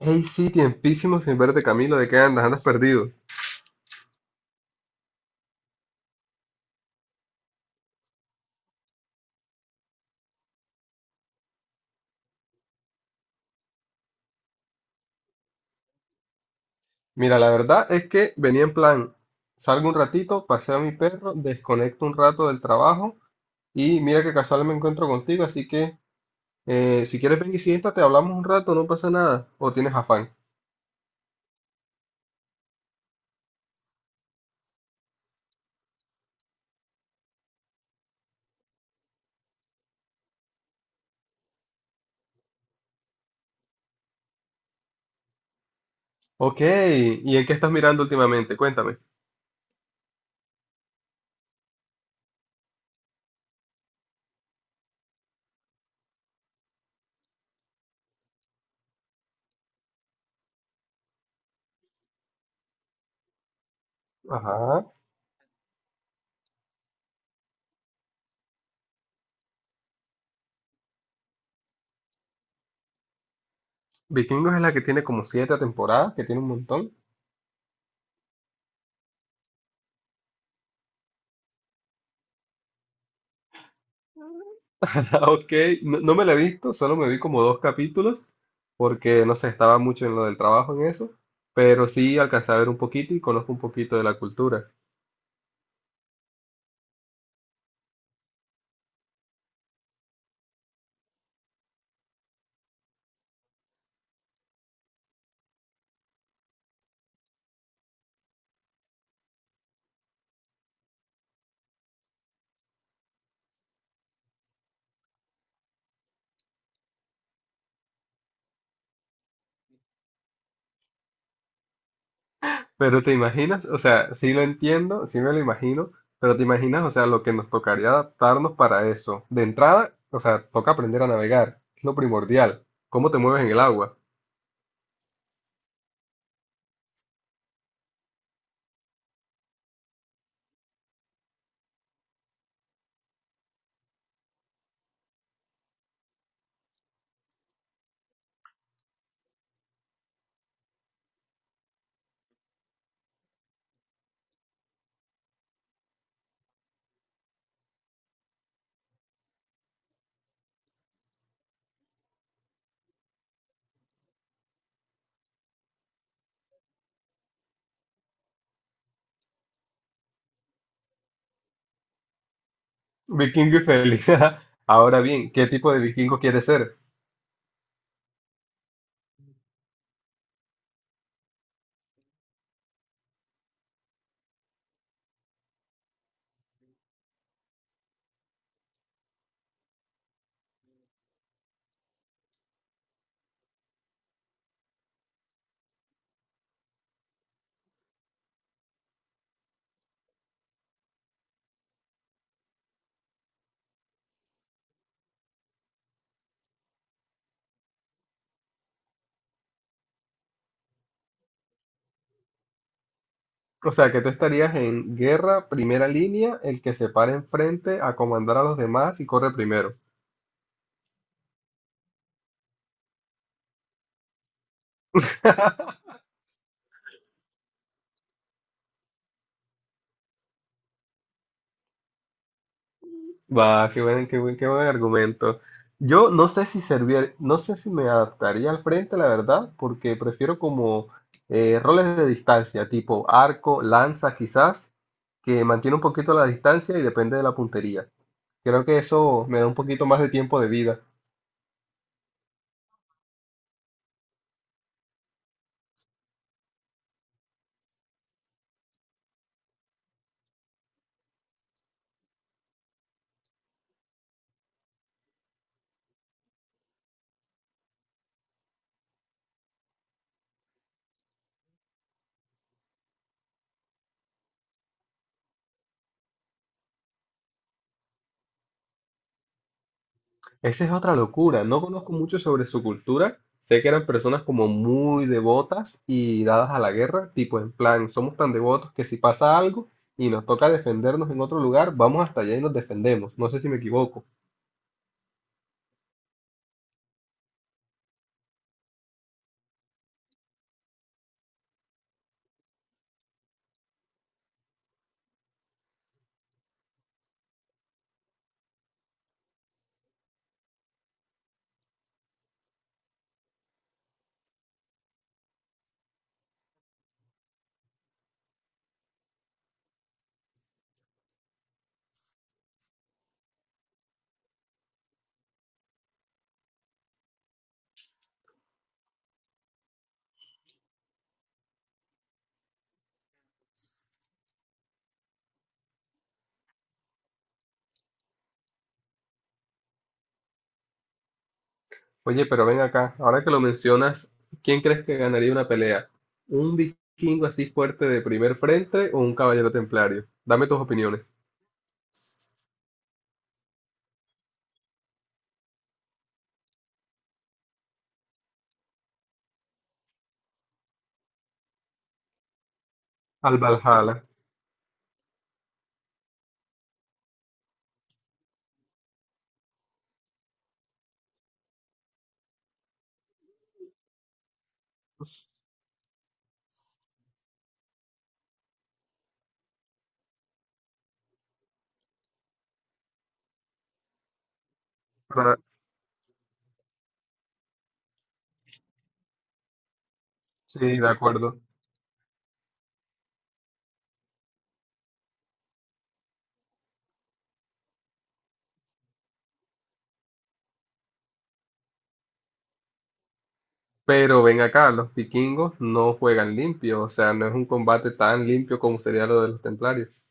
Hey sí, tiempísimo sin verte, Camilo, ¿de qué andas? Andas perdido. Mira, la verdad es que venía en plan, salgo un ratito, paseo a mi perro, desconecto un rato del trabajo y mira que casual me encuentro contigo, así que si quieres ven y siéntate, hablamos un rato, no pasa nada. ¿O tienes afán? Ok, ¿y en qué estás mirando últimamente? Cuéntame. Ajá. Vikingos es la que tiene como siete temporadas, que tiene un montón. Ok, no, me la he visto, solo me vi como dos capítulos, porque no sé, estaba mucho en lo del trabajo en eso, pero sí alcancé a ver un poquito y conozco un poquito de la cultura. Pero te imaginas, o sea, sí lo entiendo, sí me lo imagino, pero te imaginas, o sea, lo que nos tocaría adaptarnos para eso. De entrada, o sea, toca aprender a navegar, es lo primordial. ¿Cómo te mueves en el agua? Vikingo y feliz. Ahora bien, ¿qué tipo de vikingo quieres ser? O sea, que tú estarías en guerra, primera línea, el que se para enfrente a comandar a los demás y corre primero. Va, qué buen argumento. Yo no sé si servir, no sé si me adaptaría al frente, la verdad, porque prefiero como roles de distancia, tipo arco, lanza, quizás, que mantiene un poquito la distancia y depende de la puntería. Creo que eso me da un poquito más de tiempo de vida. Esa es otra locura. No conozco mucho sobre su cultura. Sé que eran personas como muy devotas y dadas a la guerra, tipo en plan, somos tan devotos que si pasa algo y nos toca defendernos en otro lugar, vamos hasta allá y nos defendemos. No sé si me equivoco. Oye, pero ven acá, ahora que lo mencionas, ¿quién crees que ganaría una pelea? ¿Un vikingo así fuerte de primer frente o un caballero templario? Dame tus opiniones. Al Valhalla. Para- Sí, de acuerdo. Pero ven acá, los vikingos no juegan limpio, o sea, no es un combate tan limpio como sería lo de los templarios.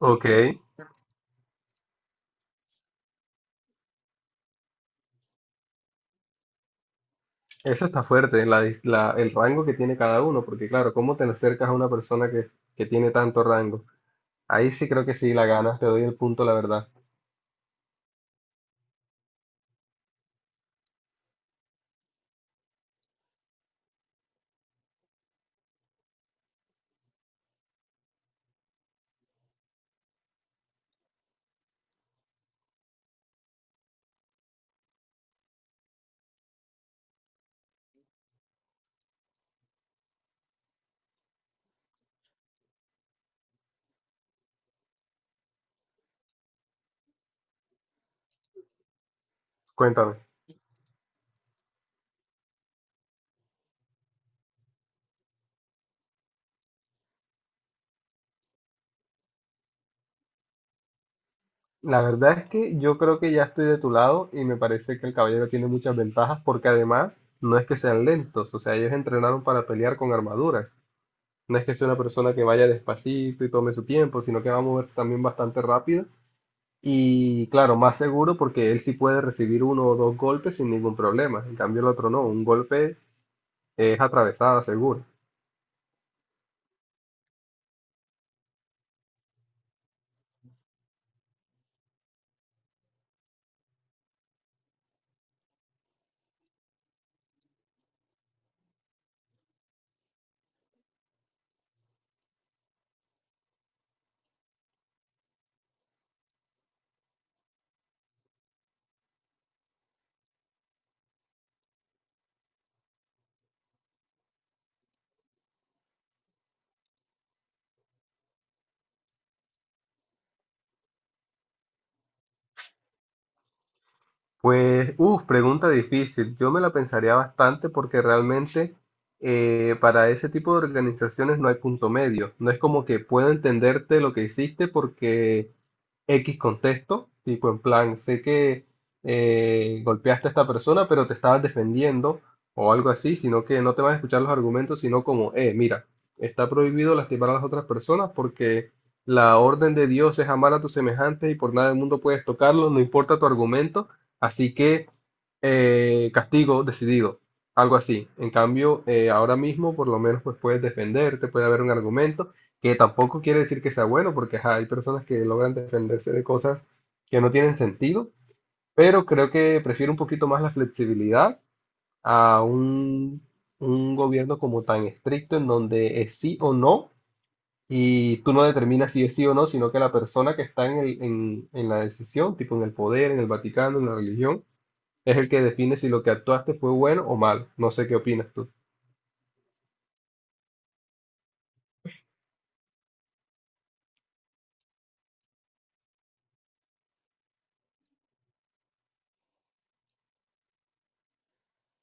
Ok, eso está fuerte, el rango que tiene cada uno, porque claro, ¿cómo te acercas a una persona que tiene tanto rango? Ahí sí creo que sí, la ganas, te doy el punto, la verdad. Cuéntame. La verdad es que yo creo que ya estoy de tu lado y me parece que el caballero tiene muchas ventajas porque además no es que sean lentos, o sea, ellos entrenaron para pelear con armaduras. No es que sea una persona que vaya despacito y tome su tiempo, sino que va a moverse también bastante rápido. Y claro, más seguro porque él sí puede recibir uno o dos golpes sin ningún problema. En cambio, el otro no. Un golpe es atravesada, seguro. Pues, uff, pregunta difícil. Yo me la pensaría bastante porque realmente para ese tipo de organizaciones no hay punto medio. No es como que puedo entenderte lo que hiciste porque X contexto, tipo en plan, sé que golpeaste a esta persona, pero te estabas defendiendo o algo así, sino que no te van a escuchar los argumentos, sino como, mira, está prohibido lastimar a las otras personas porque la orden de Dios es amar a tus semejantes y por nada del mundo puedes tocarlo, no importa tu argumento, así que castigo decidido, algo así. En cambio, ahora mismo por lo menos pues puedes defenderte, puede haber un argumento que tampoco quiere decir que sea bueno, porque ajá, hay personas que logran defenderse de cosas que no tienen sentido, pero creo que prefiero un poquito más la flexibilidad a un gobierno como tan estricto en donde es sí o no, y tú no determinas si es sí o no, sino que la persona que está en la decisión, tipo en el poder, en el Vaticano, en la religión, es el que define si lo que actuaste fue bueno o malo. No sé qué opinas tú.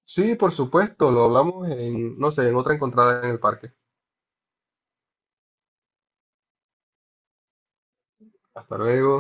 Sí, por supuesto, lo hablamos en, no sé, en otra encontrada en el parque. Hasta luego.